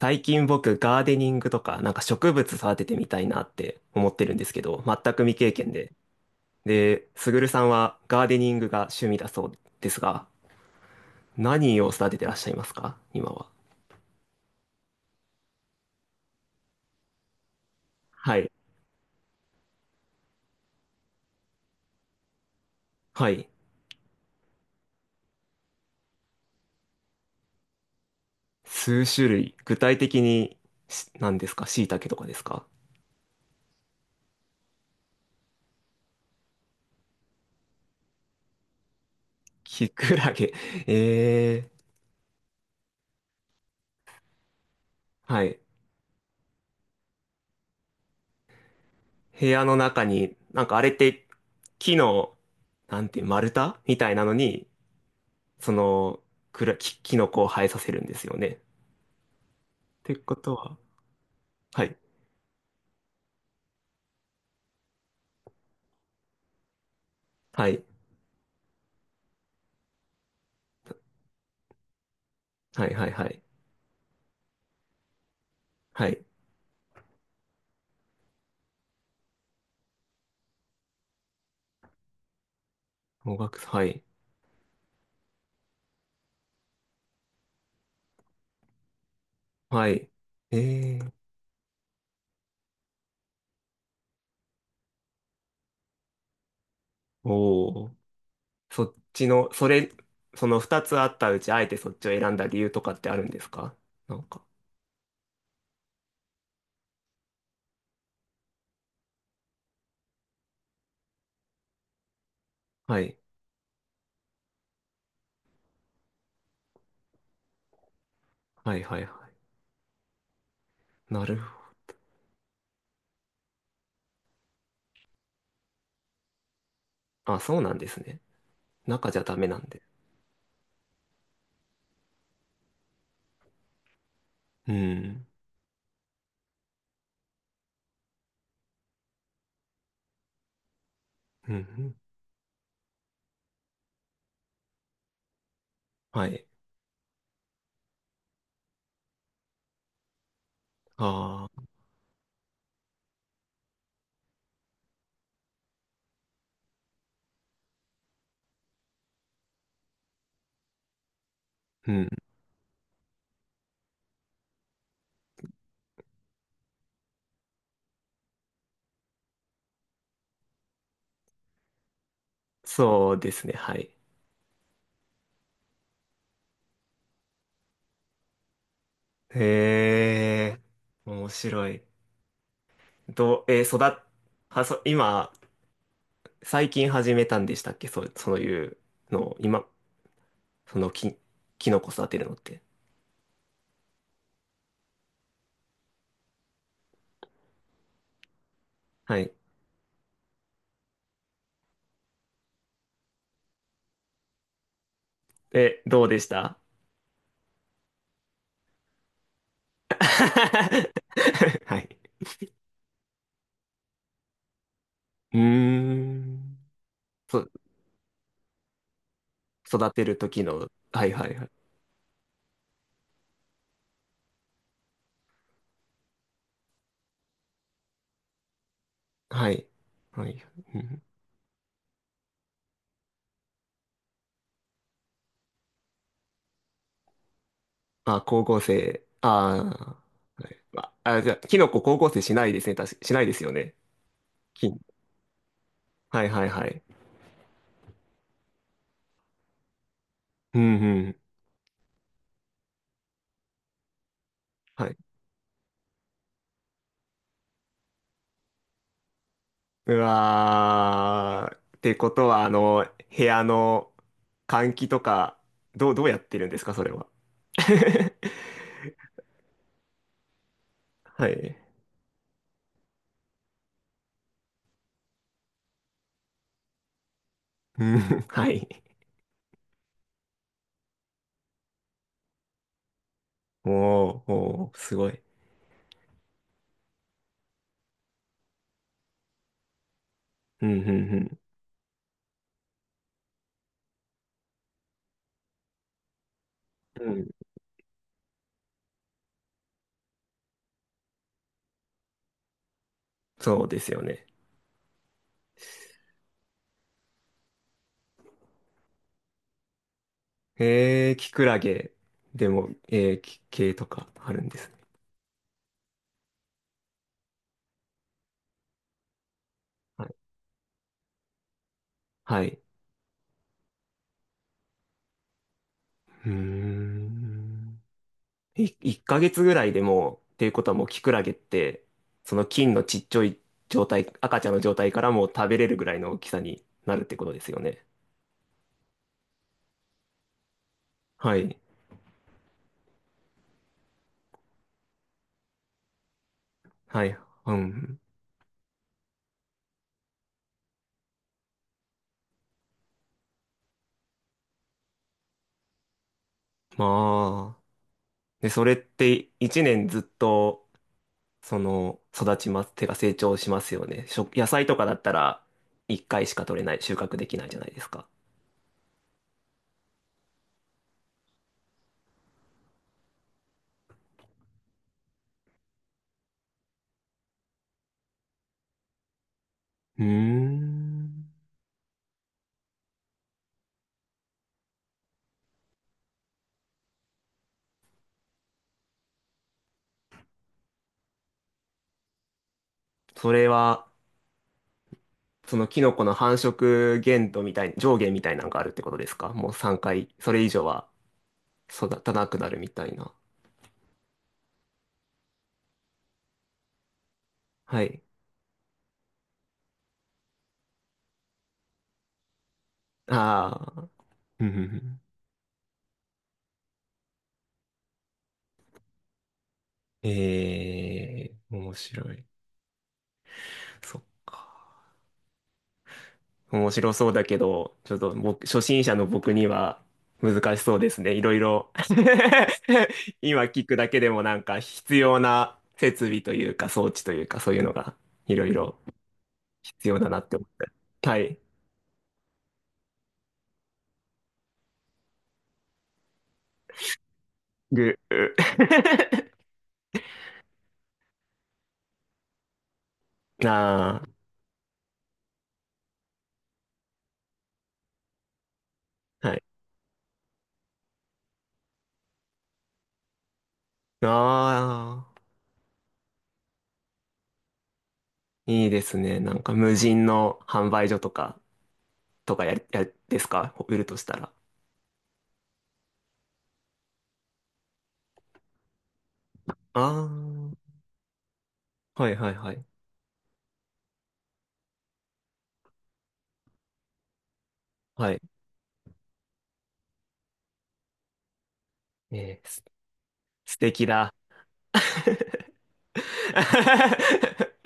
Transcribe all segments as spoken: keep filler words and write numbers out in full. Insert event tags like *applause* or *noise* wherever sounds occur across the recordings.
最近僕、ガーデニングとか、なんか植物育ててみたいなって思ってるんですけど、全く未経験で。で、すぐるさんはガーデニングが趣味だそうですが、何を育ててらっしゃいますか今は。はい。はい。数種類。具体的にし、何ですか椎茸とかですか？キクラゲ。*laughs* ええー。はい。部屋の中に、なんかあれって木の、なんて、丸太みたいなのに、その、くら、き、キノコを生えさせるんですよね。てことは、はい。はい。はい、はい、はい。はい。もがく、はい。はい。えー、おー。そっちの、それ、その二つあったうち、あえてそっちを選んだ理由とかってあるんですか、なんか？はい。はい、はい、はい。なるほど。あ、そうなんですね。中じゃダメなんで。うん。うん。うん。はい。ああ、うん。そうですね、はい。へえ、面白い。どう、えー育っ、は、そ、今、最近始めたんでしたっけ？そう、そういうのを、今、そのき、キノコ育てるのって。はい。え、どうでした？ *laughs* はい。うーん。そ、育てる時の、はいはいはい。はい。はい。うん、あ、光合成。ああ。はい。あ、あじゃあ、キノコ光合成しないですね。確かしないですよね。き、はいはいはい。うんうん。はい。うわー。ってことは、あの、部屋の換気とか、どう、どうやってるんですか、それは。*laughs* はい。うん、はい。おー、おー、すごい。うん、うん、うん。うん。そうですよね。えー、キクラゲでも、えー、き系とかあるんですね。はい。はい。うーん。いいっかげつぐらいでもう、っていうことはもうキクラゲって、その菌のちっちゃい状態、赤ちゃんの状態からもう食べれるぐらいの大きさになるってことですよね。はい。はい。うん。まあ。で、それっていちねんずっと、その、育ちます。手が成長しますよね。食野菜とかだったら、いっかいしか取れない、収穫できないじゃないですか。うーん。それは、そのキノコの繁殖限度みたい、上限みたいなのがあるってことですか、もうさんかい、それ以上は育たなくなるみたいな。はい。ああ。うんうんうん。えー、面白い。そっか。面白そうだけど、ちょっと僕、初心者の僕には難しそうですね。いろいろ。 *laughs* 今聞くだけでもなんか必要な設備というか装置というかそういうのがいろいろ必要だなって思って。はい。ぐ、う *laughs* ああ、はい。ああ、いいですね。なんか無人の販売所とか、とかや、や、ですか売るとしたら。ああ、はいはいはい。はい。えー、す、素敵だ。*laughs*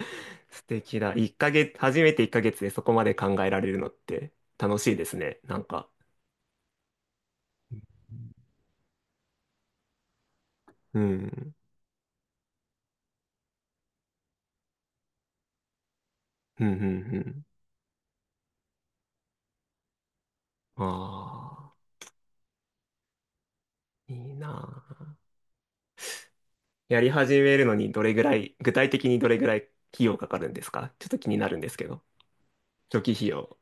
素敵だ。いっかげつ、初めていっかげつでそこまで考えられるのって楽しいですね。なんか。うん。うんうんうん。ああ、いいな。やり始めるのにどれぐらい、具体的にどれぐらい費用かかるんですか、ちょっと気になるんですけど。初期費用。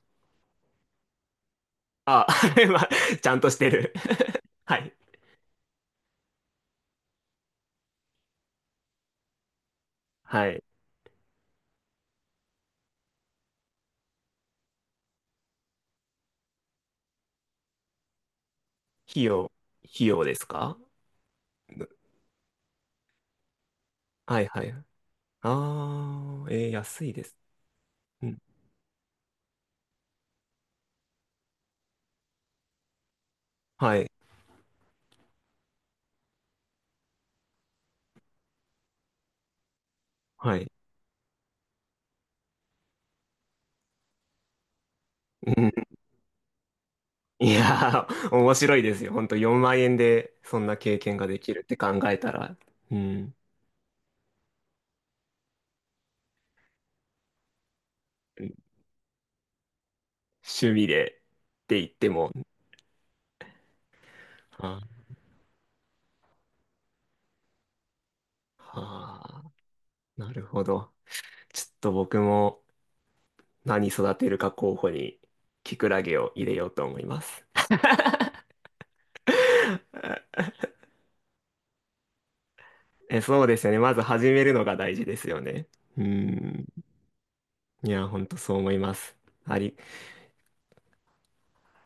あ、*laughs* まあ、ちゃんとしてる。 *laughs* はい。はい。費用、費用ですか？はいはい。あー、えー、安いです。うん。はい。はい。うん。*laughs* いやー、面白いですよ。ほんとよんまん円でそんな経験ができるって考えたら。うん。うん。趣味でって言っても。はあ、はあ。なるほど。ちょっと僕も何育てるか候補にキクラゲを入れようと思います。*laughs* え、そうですよね。まず始めるのが大事ですよね。うん。いや、ほんとそう思います。あり、